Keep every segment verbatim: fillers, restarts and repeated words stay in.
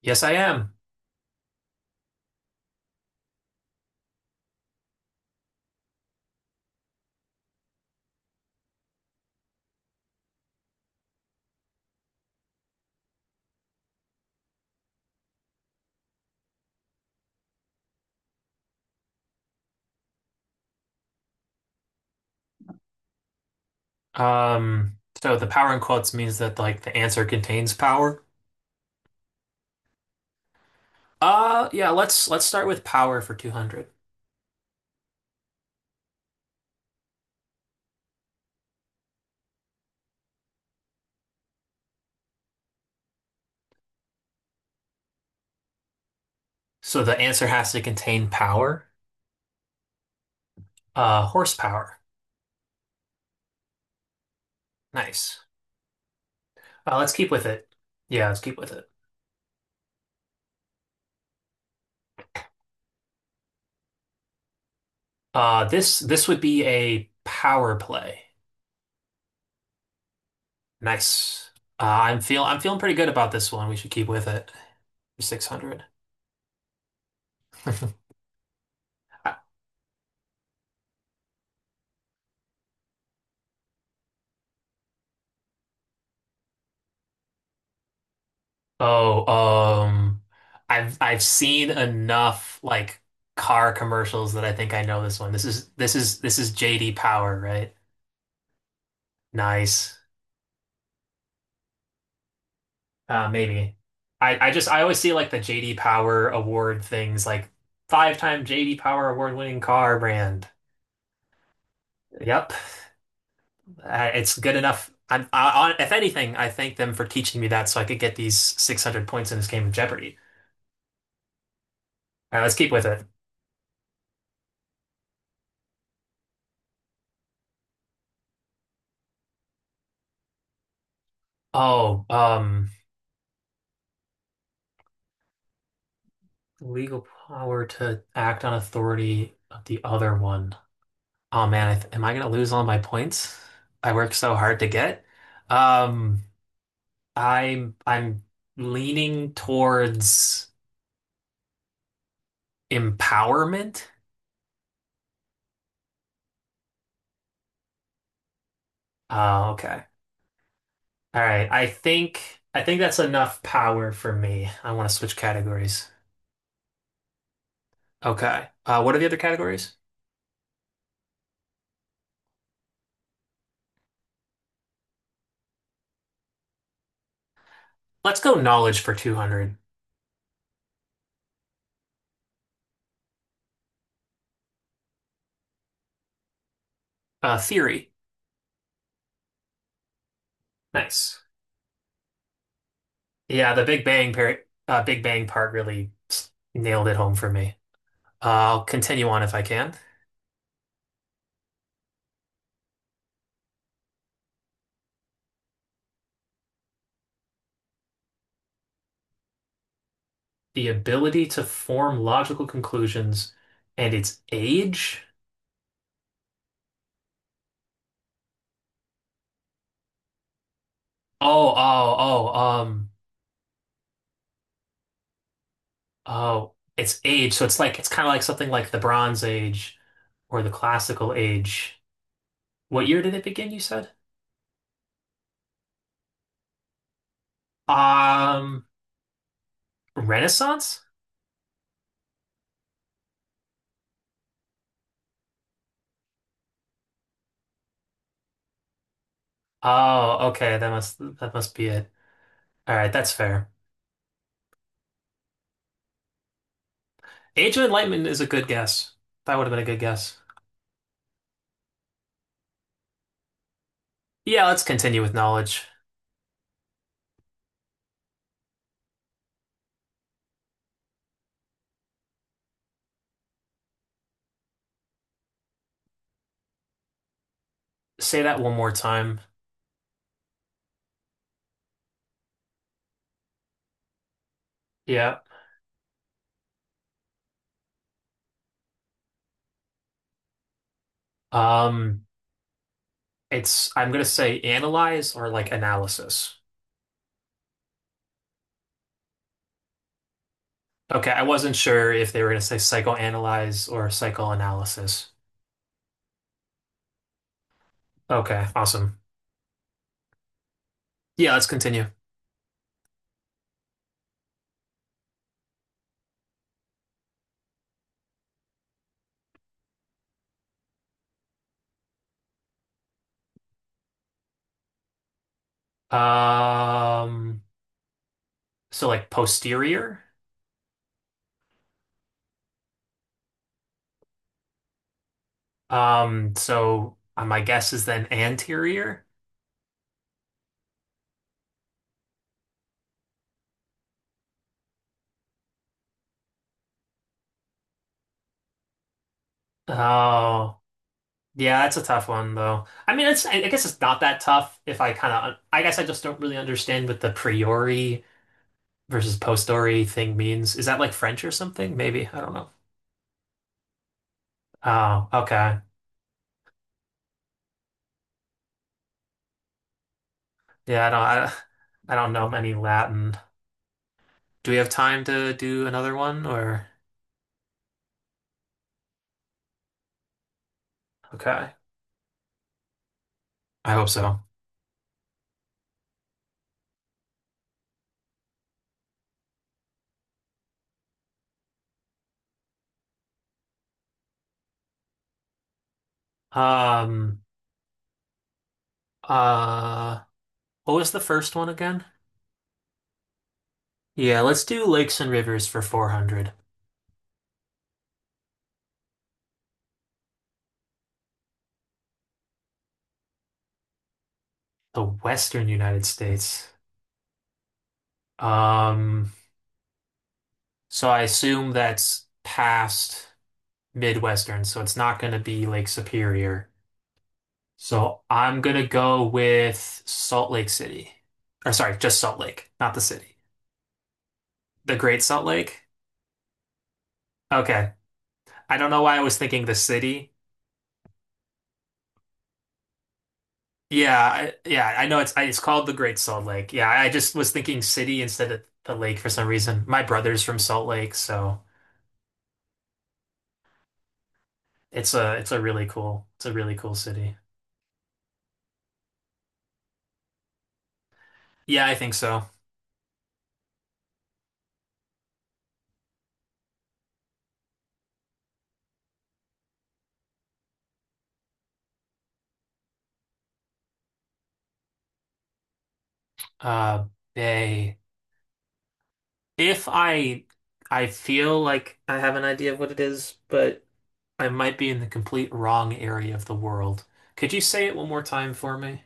Yes, I am. Um, so the power in quotes means that like the answer contains power. Uh, yeah, let's let's start with power for two hundred. So the answer has to contain power. Uh, horsepower. Nice. Uh, let's keep with it. Yeah, let's keep with it. Uh, this this would be a power play. Nice. Uh, I'm feel I'm feeling pretty good about this one. We should keep with it for six hundred. Oh, um, I've I've seen enough like car commercials that I think I know this one. This is this is this is J D Power, right? Nice. Uh, maybe. I I just I always see like the J D Power award things like five-time J D Power award-winning car brand. Yep. Uh, it's good enough. I'm I, I, if anything, I thank them for teaching me that so I could get these six hundred points in this game of Jeopardy. All right, let's keep with it. Oh, um Legal power to act on authority of the other one. Oh man, I th am I gonna lose all my points I worked so hard to get? Um, I'm I'm leaning towards empowerment. Oh, okay. All right. I think I think that's enough power for me. I want to switch categories. Okay. Uh, what are the other categories? Let's go knowledge for two hundred. Uh, theory. Nice. Yeah, the Big Bang part, uh, Big Bang part really nailed it home for me. Uh, I'll continue on if I can. The ability to form logical conclusions and its age. Oh, oh, oh, um, oh, its age. So it's like it's kind of like something like the Bronze Age or the Classical Age. What year did it begin, you said? Um, Renaissance? Oh, okay, that must that must be it. All right, that's fair. Age of Enlightenment is a good guess. That would have been a good guess. Yeah, let's continue with knowledge. Say that one more time. Yeah. Um, it's I'm gonna say analyze or like analysis. Okay, I wasn't sure if they were gonna say psychoanalyze or psychoanalysis. Okay, awesome. Yeah, let's continue. Um, so like posterior. Um, so uh, my guess is then anterior. Oh, yeah, that's a tough one though. I mean, it's I I guess it's not that tough if I kind of I guess I just don't really understand with the priori versus post story thing means. Is that like French or something? Maybe. I don't know. Oh, okay. Yeah, I don't I, I don't know any Latin. Do we have time to do another one or okay. I hope so. Um uh what was the first one again? Yeah, let's do lakes and rivers for four hundred. The Western United States. Um so I assume that's past Midwestern, so it's not going to be Lake Superior. So I'm gonna go with Salt Lake City. Or sorry, just Salt Lake, not the city. The Great Salt Lake. Okay. I don't know why I was thinking the city. Yeah, I, yeah, I know it's I, it's called the Great Salt Lake. Yeah, I just was thinking city instead of the lake for some reason. My brother's from Salt Lake, so it's a it's a really cool it's a really cool city. Yeah, I think so. Uh, Bay. If I I feel like I have an idea of what it is, but I might be in the complete wrong area of the world. Could you say it one more time for me?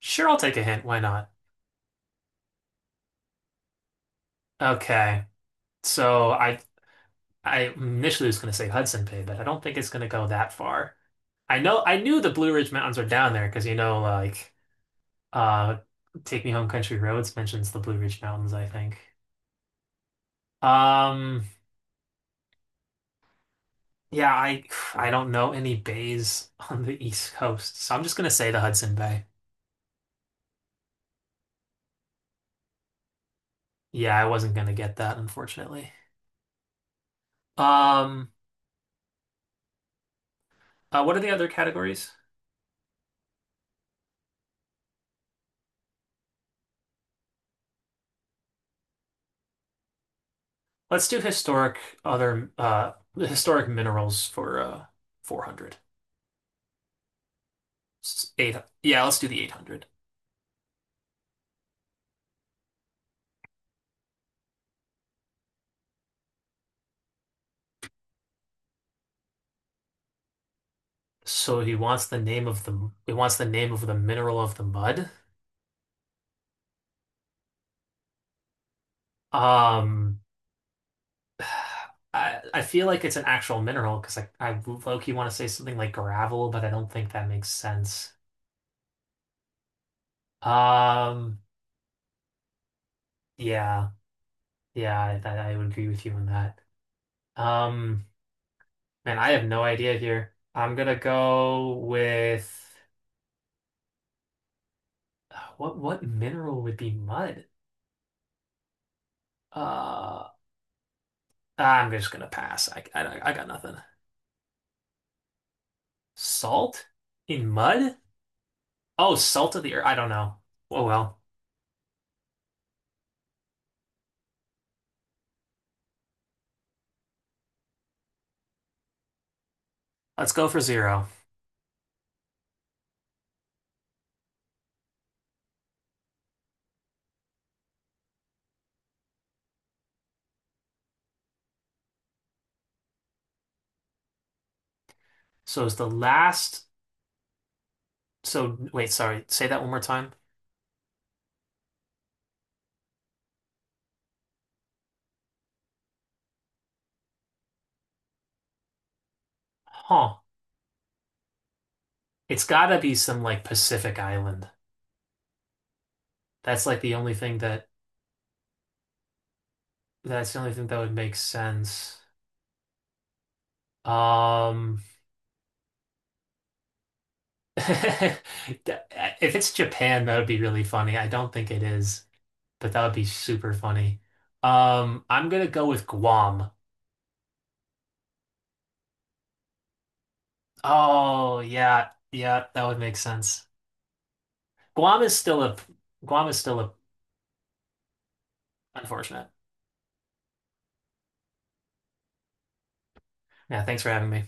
Sure, I'll take a hint. Why not? Okay. So I I initially was going to say Hudson Bay, but I don't think it's going to go that far. I know I knew the Blue Ridge Mountains are down there because you know like uh Take Me Home Country Roads mentions the Blue Ridge Mountains, I think. Um yeah, I I don't know any bays on the East Coast. So I'm just going to say the Hudson Bay. Yeah, I wasn't going to get that unfortunately. Um Uh, what are the other categories? Let's do historic other uh historic minerals for uh four hundred. S- Eight, yeah, let's do the eight hundred. So he wants the name of the he wants the name of the mineral of the mud. Um I I feel like it's an actual mineral because I I low-key want to say something like gravel, but I don't think that makes sense. Um yeah. Yeah, I, I would agree with you on that. Um Man, I have no idea here. I'm gonna go with uh, what what mineral would be mud? Uh, I'm just gonna pass. I, I I got nothing. Salt in mud? Oh, salt of the earth. I don't know. Oh well. Let's go for zero. So it's the last. So wait, sorry. Say that one more time. Huh. It's gotta be some like Pacific island. That's like the only thing that that's the only thing that would make sense. Um. If it's Japan, that would be really funny. I don't think it is, but that would be super funny. Um, I'm gonna go with Guam. Oh yeah, yeah, that would make sense. Guam is still a Guam is still a unfortunate. Yeah, thanks for having me.